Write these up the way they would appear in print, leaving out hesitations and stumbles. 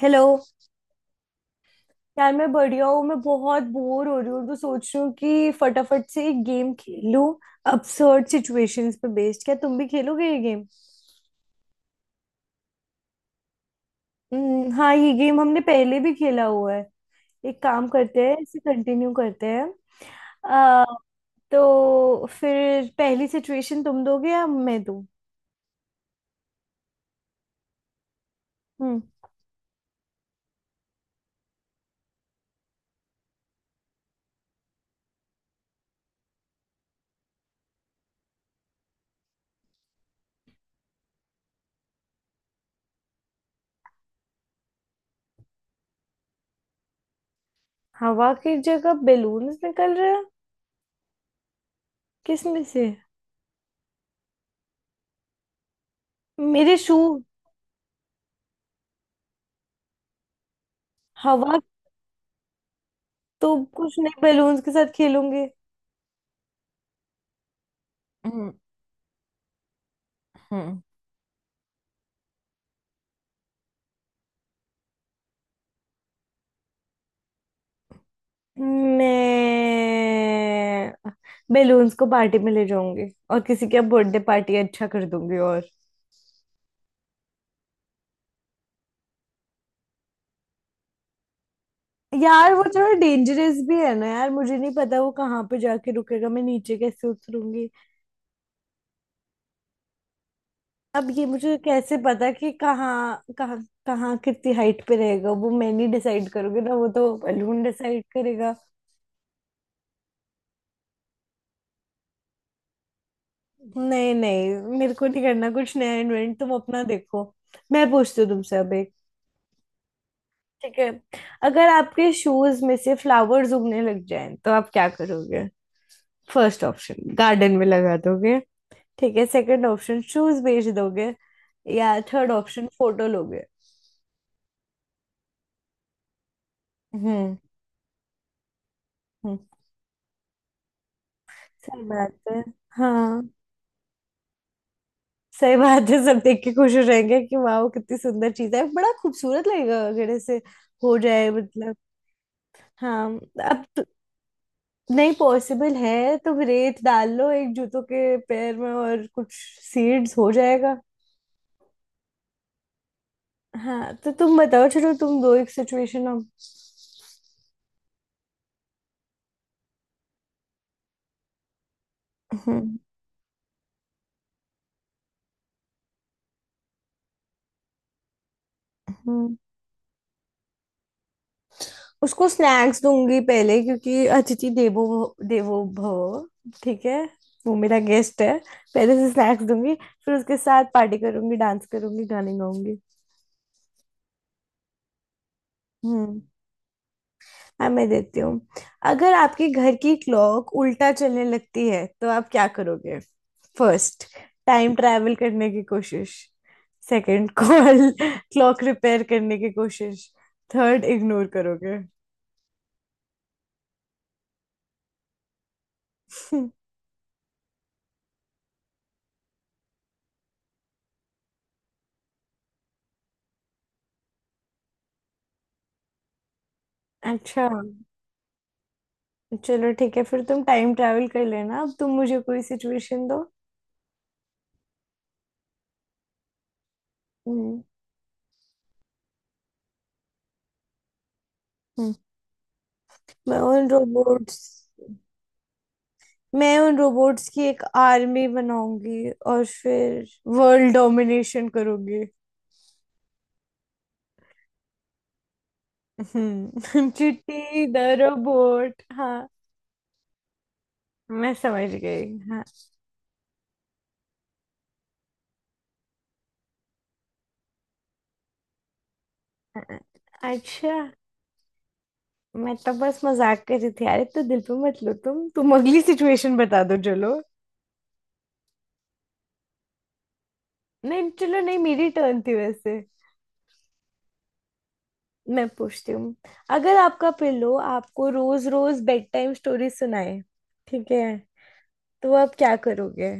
Hello. यार, मैं बढ़िया हूँ। मैं बहुत बोर हो रही हूँ तो सोच रही हूँ कि फटाफट से एक गेम खेल लूँ। absurd सिचुएशंस पे बेस्ड, क्या तुम भी खेलोगे ये गेम? हम्म, हाँ, ये गेम हमने पहले भी खेला हुआ है। एक काम करते हैं, इसे कंटिन्यू करते हैं। आ, तो फिर पहली सिचुएशन तुम दोगे या मैं दूँ? हम्म। हवा की जगह बेलून्स निकल रहे हैं? किसमें से? मेरे शू? हवा? तो कुछ नहीं, बेलून्स के साथ खेलूंगे। हम्म। हम्म। मैं बेलून्स को पार्टी में ले जाऊंगी और किसी के बर्थडे पार्टी अच्छा कर दूंगी, और। यार, वो थोड़ा डेंजरस भी है ना। यार, मुझे नहीं पता वो कहाँ पे जाके रुकेगा। मैं नीचे कैसे उतरूंगी? अब ये मुझे कैसे पता कि कहाँ कहाँ। कहाँ कितनी हाइट पे रहेगा वो, मैं नहीं डिसाइड करूंगी ना, वो तो बलून डिसाइड करेगा। नहीं नहीं, मेरे को नहीं करना कुछ नया इन्वेंट, तुम अपना देखो। मैं पूछती हूँ तुमसे अब। ठीक है। अगर आपके शूज में से फ्लावर्स उगने लग जाएं तो आप क्या करोगे? फर्स्ट ऑप्शन, गार्डन में लगा दोगे। ठीक है, सेकंड ऑप्शन, शूज बेच दोगे। या थर्ड ऑप्शन, फोटो लोगे। हम्म। हम्म। सही बात है। हाँ। सही बात है, सब देख के खुश हो जाएंगे कि वाह, कितनी सुंदर चीज है, बड़ा खूबसूरत लगेगा अगर ऐसे हो जाए, मतलब। हाँ। अब तो। नहीं, पॉसिबल है तो रेत डाल लो एक जूतों के पैर में और कुछ सीड्स हो जाएगा। हाँ, तो तुम बताओ, चलो तुम दो एक सिचुएशन अब। हम्म। हम्म। उसको स्नैक्स दूंगी पहले, क्योंकि अतिथि देवो देवो भव। ठीक है। वो मेरा गेस्ट है। पहले से स्नैक्स दूंगी। फिर उसके साथ पार्टी करूंगी, डांस करूंगी, गाने गाऊंगी। हम्म। हाँ, मैं देती हूँ। अगर आपके घर की क्लॉक उल्टा चलने लगती है तो आप क्या करोगे? फर्स्ट, टाइम ट्रैवल करने की कोशिश। सेकंड, कॉल क्लॉक रिपेयर करने की कोशिश। थर्ड, इग्नोर करोगे। अच्छा, चलो ठीक है फिर तुम टाइम ट्रैवल कर लेना, अब तुम मुझे कोई सिचुएशन दो। हम्म। हम्म। मैं उन रोबोट्स मैं उन रोबोट्स की एक आर्मी बनाऊंगी और फिर वर्ल्ड डोमिनेशन करूंगी। हम्म। चिट्टी द रोबोट। हाँ, मैं समझ गई। हाँ, हाँ, हाँ। अच्छा। मैं तो बस मजाक कर रही थी। अरे तो दिल पे मत लो, तुम अगली सिचुएशन बता दो, चलो। नहीं, चलो नहीं, मेरी टर्न थी वैसे। मैं पूछती हूँ। अगर आपका पिल्लो आपको रोज रोज बेड टाइम स्टोरी सुनाए, ठीक है, तो आप क्या करोगे?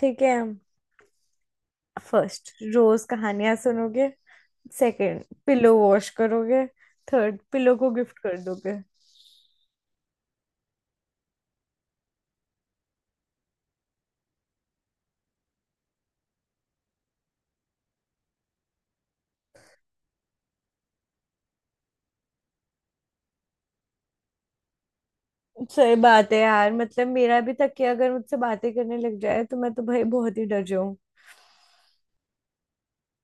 ठीक है। फर्स्ट, रोज कहानियां सुनोगे। सेकंड, पिलो वॉश करोगे। थर्ड, पिलो को गिफ्ट कर दोगे। सही बात है यार, मतलब मेरा भी तकिया अगर मुझसे बातें करने लग जाए तो मैं तो भाई बहुत ही डर जाऊं।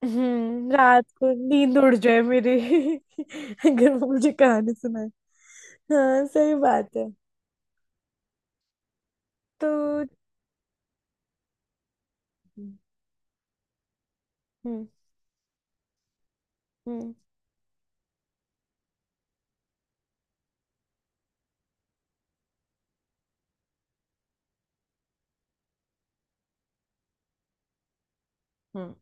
रात को नींद उड़ जाए मेरी। अगर वो मुझे कहानी सुनाए। हाँ, सही बात है। तो। हम्म, हम्म, हम्म।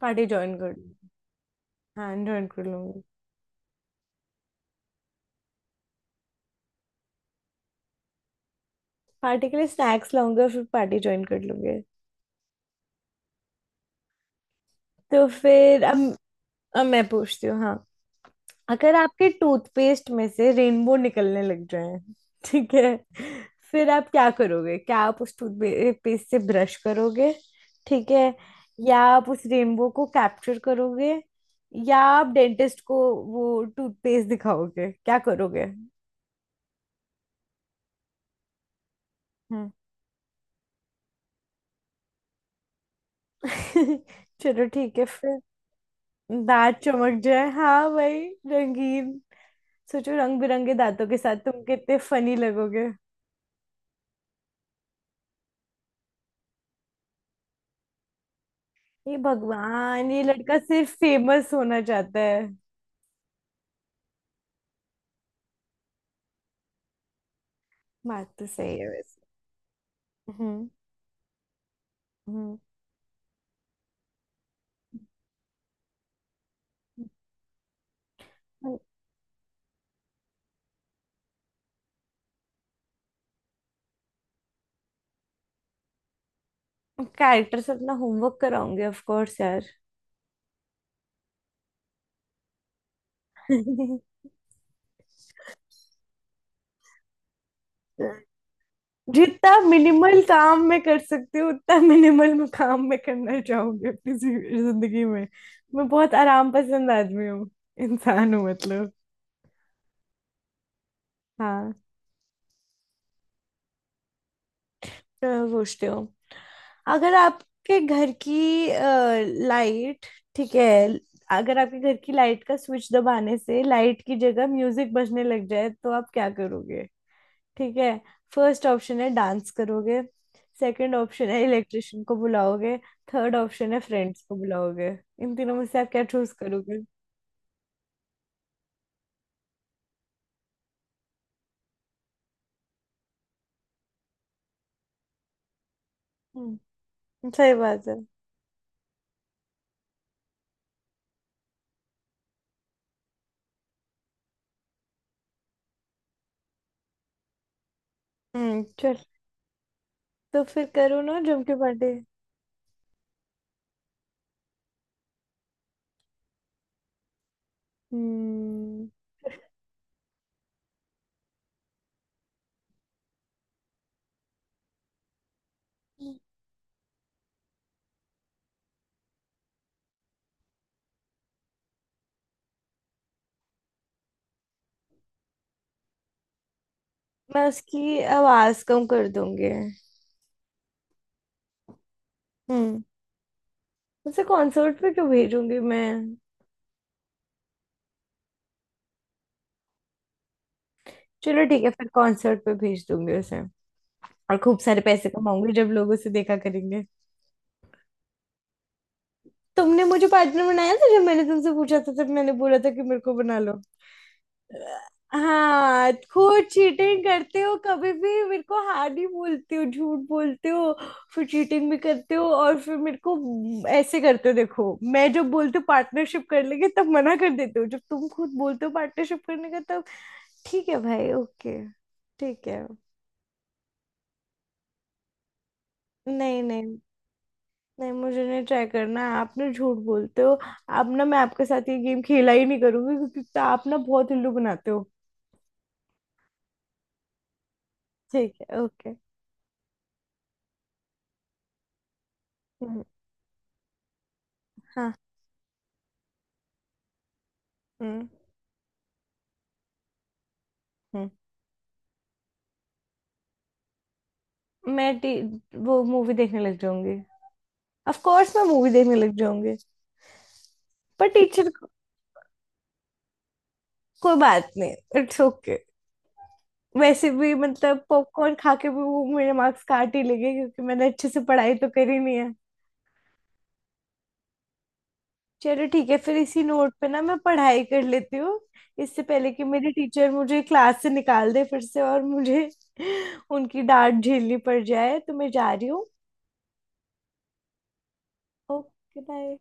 पार्टी ज्वाइन कर। हाँ, ज्वाइन कर लूंगी। पार्टी के लिए स्नैक्स लाऊंगा फिर पार्टी ज्वाइन कर लूंगी। तो फिर अब। अब मैं पूछती हूँ, हाँ। अगर आपके टूथपेस्ट में से रेनबो निकलने लग जाए, ठीक है, फिर आप क्या करोगे? क्या आप उस टूथपेस्ट से ब्रश करोगे? ठीक है। या आप उस रेनबो को कैप्चर करोगे? या आप डेंटिस्ट को वो टूथपेस्ट दिखाओगे? क्या करोगे? हम्म। चलो ठीक है फिर। दांत चमक जाए, हाँ भाई, रंगीन। सोचो, रंग बिरंगे दांतों के साथ तुम कितने फनी लगोगे। ये भगवान! ये लड़का सिर्फ फेमस होना चाहता है। बात तो सही है वैसे। हम्म। हम्म। कैरेक्टर्स अपना होमवर्क कराऊंगी, ऑफ कोर्स यार। जितना मिनिमल काम मैं कर सकती हूँ उतना मिनिमल मैं काम मैं करना चाहूंगी अपनी जिंदगी में। मैं बहुत आराम पसंद आदमी हूँ, इंसान हूँ मतलब। हाँ, तो पूछते हो। अगर आपके घर की लाइट। ठीक है। अगर आपके घर की लाइट का स्विच दबाने से लाइट की जगह म्यूजिक बजने लग जाए तो आप क्या करोगे? ठीक है। फर्स्ट ऑप्शन है, डांस करोगे। सेकंड ऑप्शन है, इलेक्ट्रिशियन को बुलाओगे। थर्ड ऑप्शन है, फ्रेंड्स को बुलाओगे। इन तीनों में से आप क्या चूज करोगे? हम्म। सही बात है। हम्म, चल। तो फिर करो ना झुमके पार्टी। हम्म। मैं उसकी आवाज कम कर दूंगी। हम्म। उसे कॉन्सर्ट पे क्यों भेजूंगी मैं? चलो ठीक है, फिर कॉन्सर्ट पे भेज दूंगी उसे, और खूब सारे पैसे कमाऊंगी जब लोग उसे देखा करेंगे। तुमने मुझे पार्टनर बनाया था? जब मैंने तुमसे पूछा था तब मैंने बोला था कि मेरे को बना लो। हाँ, खुद चीटिंग करते हो, कभी भी मेरे को हाँ नहीं बोलते हो, झूठ बोलते हो। फिर चीटिंग भी करते हो, और फिर मेरे को ऐसे करते हो। देखो, मैं जब बोलती हूँ पार्टनरशिप कर लेंगे तब मना कर देते हो, जब तुम खुद बोलते हो पार्टनरशिप करने का तब। ठीक है भाई, ओके। ठीक है। नहीं। नहीं नहीं मुझे नहीं ट्राई करना है, आप ना झूठ बोलते हो। अब ना मैं आपके साथ ये गेम खेला ही नहीं करूंगी, क्योंकि तो आप ना बहुत उल्लू बनाते हो। ठीक है, ओके। हम्म। हाँ। हम्म। हम्म। मैं टी वो मूवी देखने लग जाऊंगी। ऑफ कोर्स मैं मूवी देखने लग जाऊंगी। पर टीचर को। कोई बात नहीं। It's okay. वैसे भी मतलब पॉपकॉर्न खा के भी वो मेरे मार्क्स काट ही लेंगे, क्योंकि मैंने अच्छे से पढ़ाई तो करी नहीं है। चलो ठीक है, फिर इसी नोट पे ना मैं पढ़ाई कर लेती हूँ, इससे पहले कि मेरी टीचर मुझे क्लास से निकाल दे फिर से, और मुझे उनकी डांट झेलनी पड़ जाए, तो मैं जा रही हूँ। Okay, bye.